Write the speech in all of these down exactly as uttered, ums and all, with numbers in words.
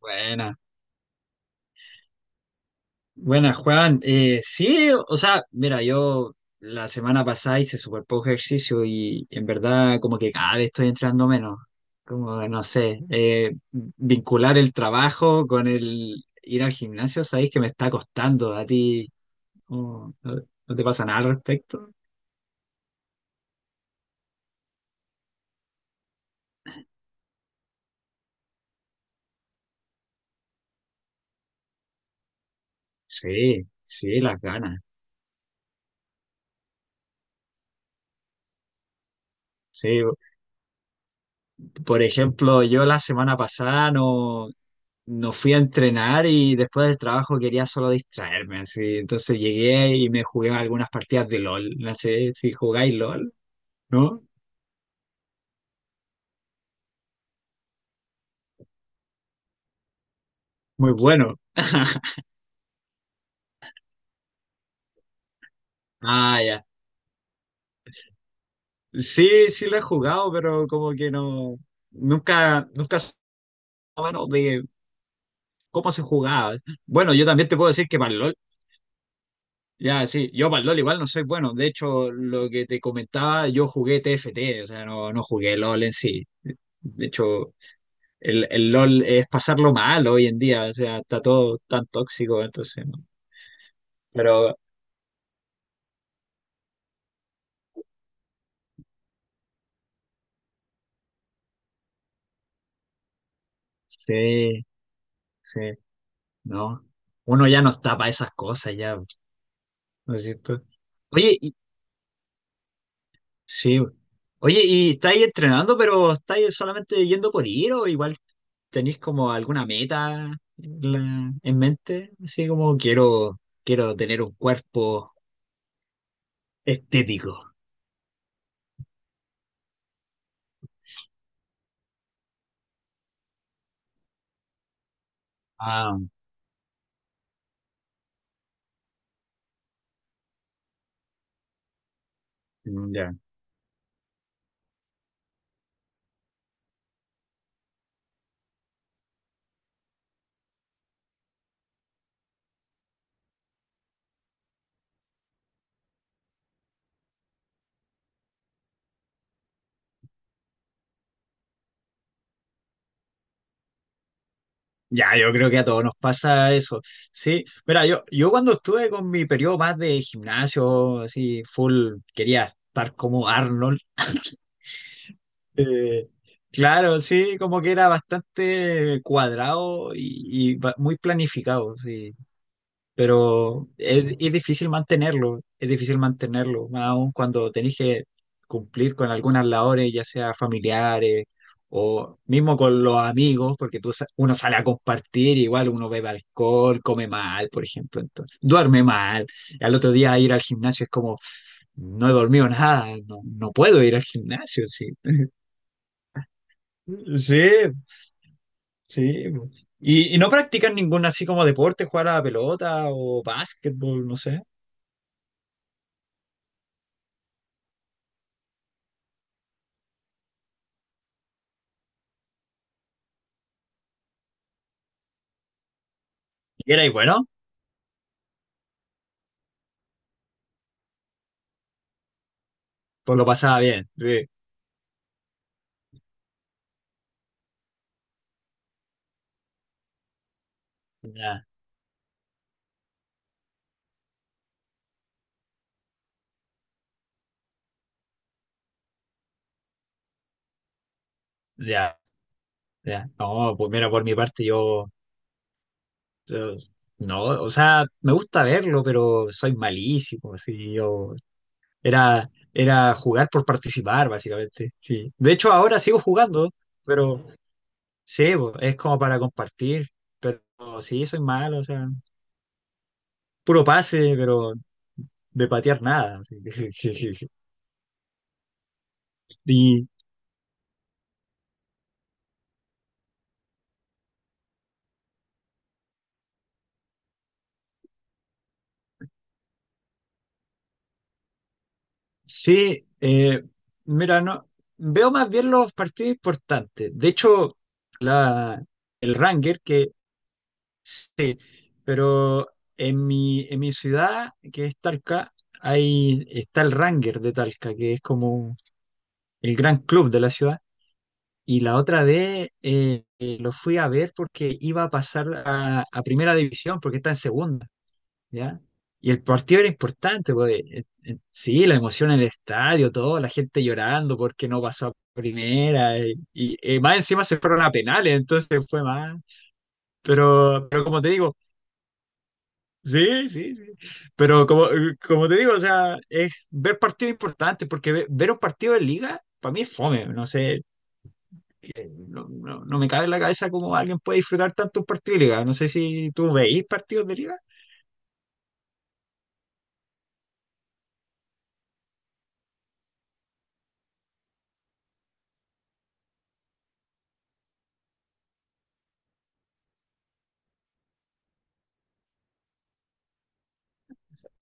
Buena, buena, Juan. Eh, sí, o sea, mira, yo la semana pasada hice súper poco ejercicio y en verdad como que cada vez estoy entrando menos. Como, no sé, eh, vincular el trabajo con el ir al gimnasio, sabéis que me está costando a ti. cómo- ¿No, no te pasa nada al respecto? Sí, sí, las ganas. Sí, por ejemplo, yo la semana pasada no. No fui a entrenar y después del trabajo quería solo distraerme, así. Entonces llegué y me jugué algunas partidas de LOL. No sé si jugáis LOL, ¿no? Muy bueno. Ah, ya. Sí, sí lo he jugado, pero como que no, nunca, nunca supe bueno de cómo se jugaba. Bueno, yo también te puedo decir que para el LOL, ya sí, yo para el LOL igual no soy bueno. De hecho, lo que te comentaba, yo jugué T F T, o sea, no, no jugué LOL en sí. De hecho, el, el LOL es pasarlo mal hoy en día, o sea, está todo tan tóxico, entonces, no. Pero sí, sí, no. Uno ya no está para esas cosas, ya, ¿no es cierto? Oye, y- sí, oye, ¿y estáis entrenando, pero estáis solamente yendo por ir o igual tenéis como alguna meta en, la- en mente? Así como quiero, quiero tener un cuerpo estético. Ah, ya. Ya, yo creo que a todos nos pasa eso. Sí, mira, yo, yo cuando estuve con mi periodo más de gimnasio, así, full, quería estar como Arnold. eh, claro, sí, como que era bastante cuadrado y, y ba- muy planificado. Sí, pero es, es difícil mantenerlo, es difícil mantenerlo, más aún cuando tenés que cumplir con algunas labores, ya sea familiares o mismo con los amigos, porque tú, sa- uno sale a compartir, igual uno bebe alcohol, come mal, por ejemplo, entonces, duerme mal, y al otro día ir al gimnasio es como, no he dormido nada, no, no puedo ir al gimnasio, sí. Sí, sí. ¿Y, y no practican ningún así como deporte, jugar a la pelota o básquetbol, no sé? ¿Y era bueno? Pues lo pasaba bien. Sí. Ya, ya, ya. No, pues mira, por mi parte yo, yo- no, o sea, me gusta verlo, pero soy malísimo, sí, yo era, era jugar por participar, básicamente, sí. De hecho, ahora sigo jugando, pero sí, pues, es como para compartir, pero sí, soy malo, o sea, puro pase, pero de patear nada. Sí. Y, sí, eh, mira, no, veo más bien los partidos importantes. De hecho, la, el Ranger, que sí, pero en mi, en mi ciudad, que es Talca, hay, está el Ranger de Talca, que es como el gran club de la ciudad. Y la otra vez eh, eh, lo fui a ver porque iba a pasar a, a primera división, porque está en segunda. ¿Ya? Y el partido era importante, pues eh, eh, eh, sí, la emoción en el estadio, todo, la gente llorando porque no pasó a primera, y, y, eh, más encima se fueron a penales, entonces fue más. Pero, pero como te digo, sí, sí, sí. Pero como, eh, como te digo, o sea, es ver partidos importantes, porque ve- ver un partido de liga, para mí es fome, no sé, que no, no, no me cabe en la cabeza cómo alguien puede disfrutar tanto un partido de liga. No sé si tú veis partidos de liga.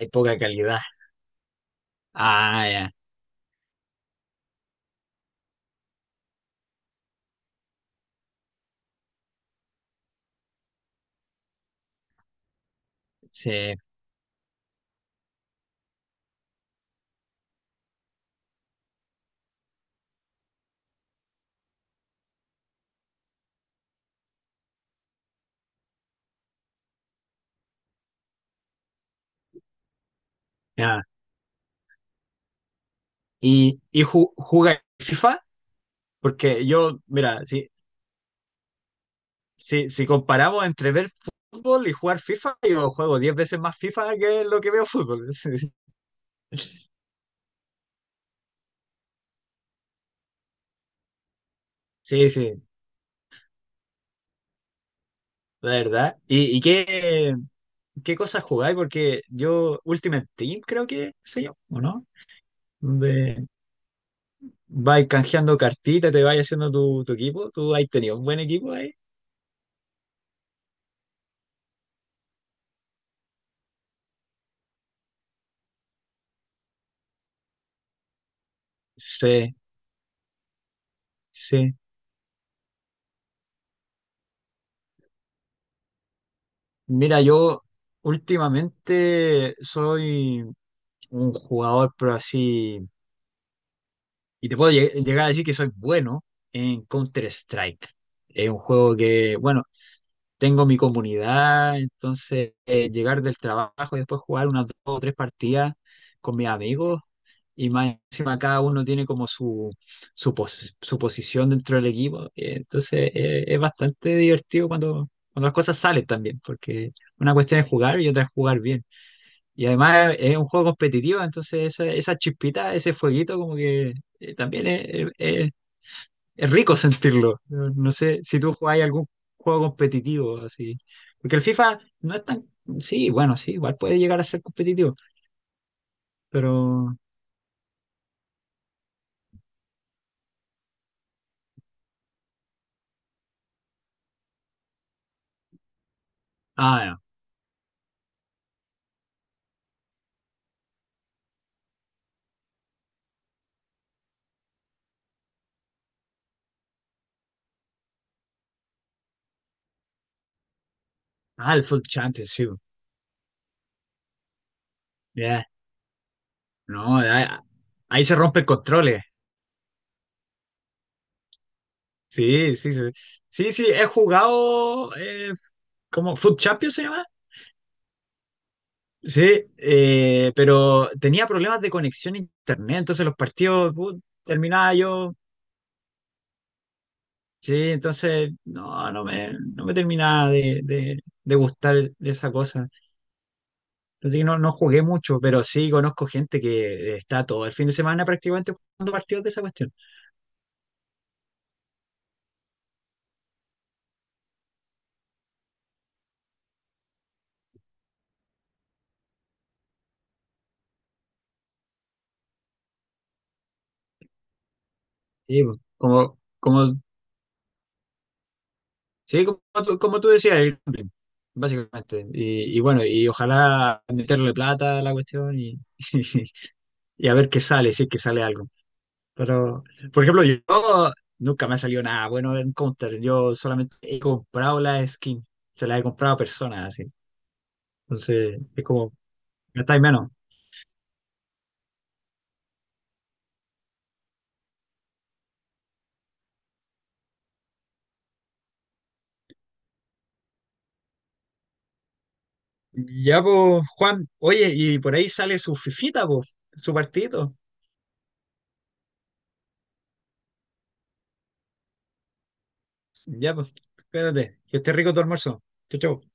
Hay poca calidad. Ah, ya, sí. Y, y ju- jugar FIFA, porque yo, mira, si, si, si comparamos entre ver fútbol y jugar FIFA, yo juego diez veces más FIFA que lo que veo fútbol. Sí, sí, la verdad. ¿Y, y qué, qué cosas jugáis? Porque yo, Ultimate Team, creo que sé yo ¿o no? Donde vais canjeando cartitas, te vais haciendo tu, tu equipo. ¿Tú has tenido un buen equipo ahí? Sí, sí. Mira, yo últimamente soy un jugador, pero así. Y te puedo lleg- llegar a decir que soy bueno en Counter-Strike. Es un juego que, bueno, tengo mi comunidad, entonces eh, llegar del trabajo y después jugar unas dos o tres partidas con mis amigos y más encima cada uno tiene como su, su, pos- su posición dentro del equipo. eh, Entonces eh, es bastante divertido cuando, cuando las cosas salen también, porque una cuestión es jugar y otra es jugar bien. Y además es un juego competitivo, entonces esa, esa chispita, ese fueguito como que eh, también es, es rico sentirlo. No sé si tú jugás algún juego competitivo así. Porque el FIFA no es tan. Sí, bueno, sí, igual puede llegar a ser competitivo. Pero. Ah, ya. Ah, el Foot Champions, sí. Ya. No, ya- ahí se rompen controles. Sí, sí, sí. Sí, sí, he jugado. Eh, ¿cómo? ¿Foot Champions se llama? Sí, eh, pero tenía problemas de conexión a internet. Entonces los partidos. Put, terminaba yo. Sí, entonces, no, no me, no me terminaba de, de, de gustar esa cosa. Así que no, no jugué mucho, pero sí conozco gente que está todo el fin de semana prácticamente jugando partidos de esa cuestión. Sí, pues, como, como, sí, como tú, como tú decías, el gambling, básicamente. Y, y bueno, y ojalá meterle plata a la cuestión y, y, a ver qué sale, si es que sale algo. Pero, por ejemplo, yo nunca me ha salido nada bueno en Counter. Yo solamente he comprado la skin. Se la he comprado a personas así. Entonces, es como, gastáis menos. Ya, pues, Juan, oye, y por ahí sale su fifita, pues, su partidito. Ya, pues, espérate, que esté rico tu almuerzo. Chau, chau.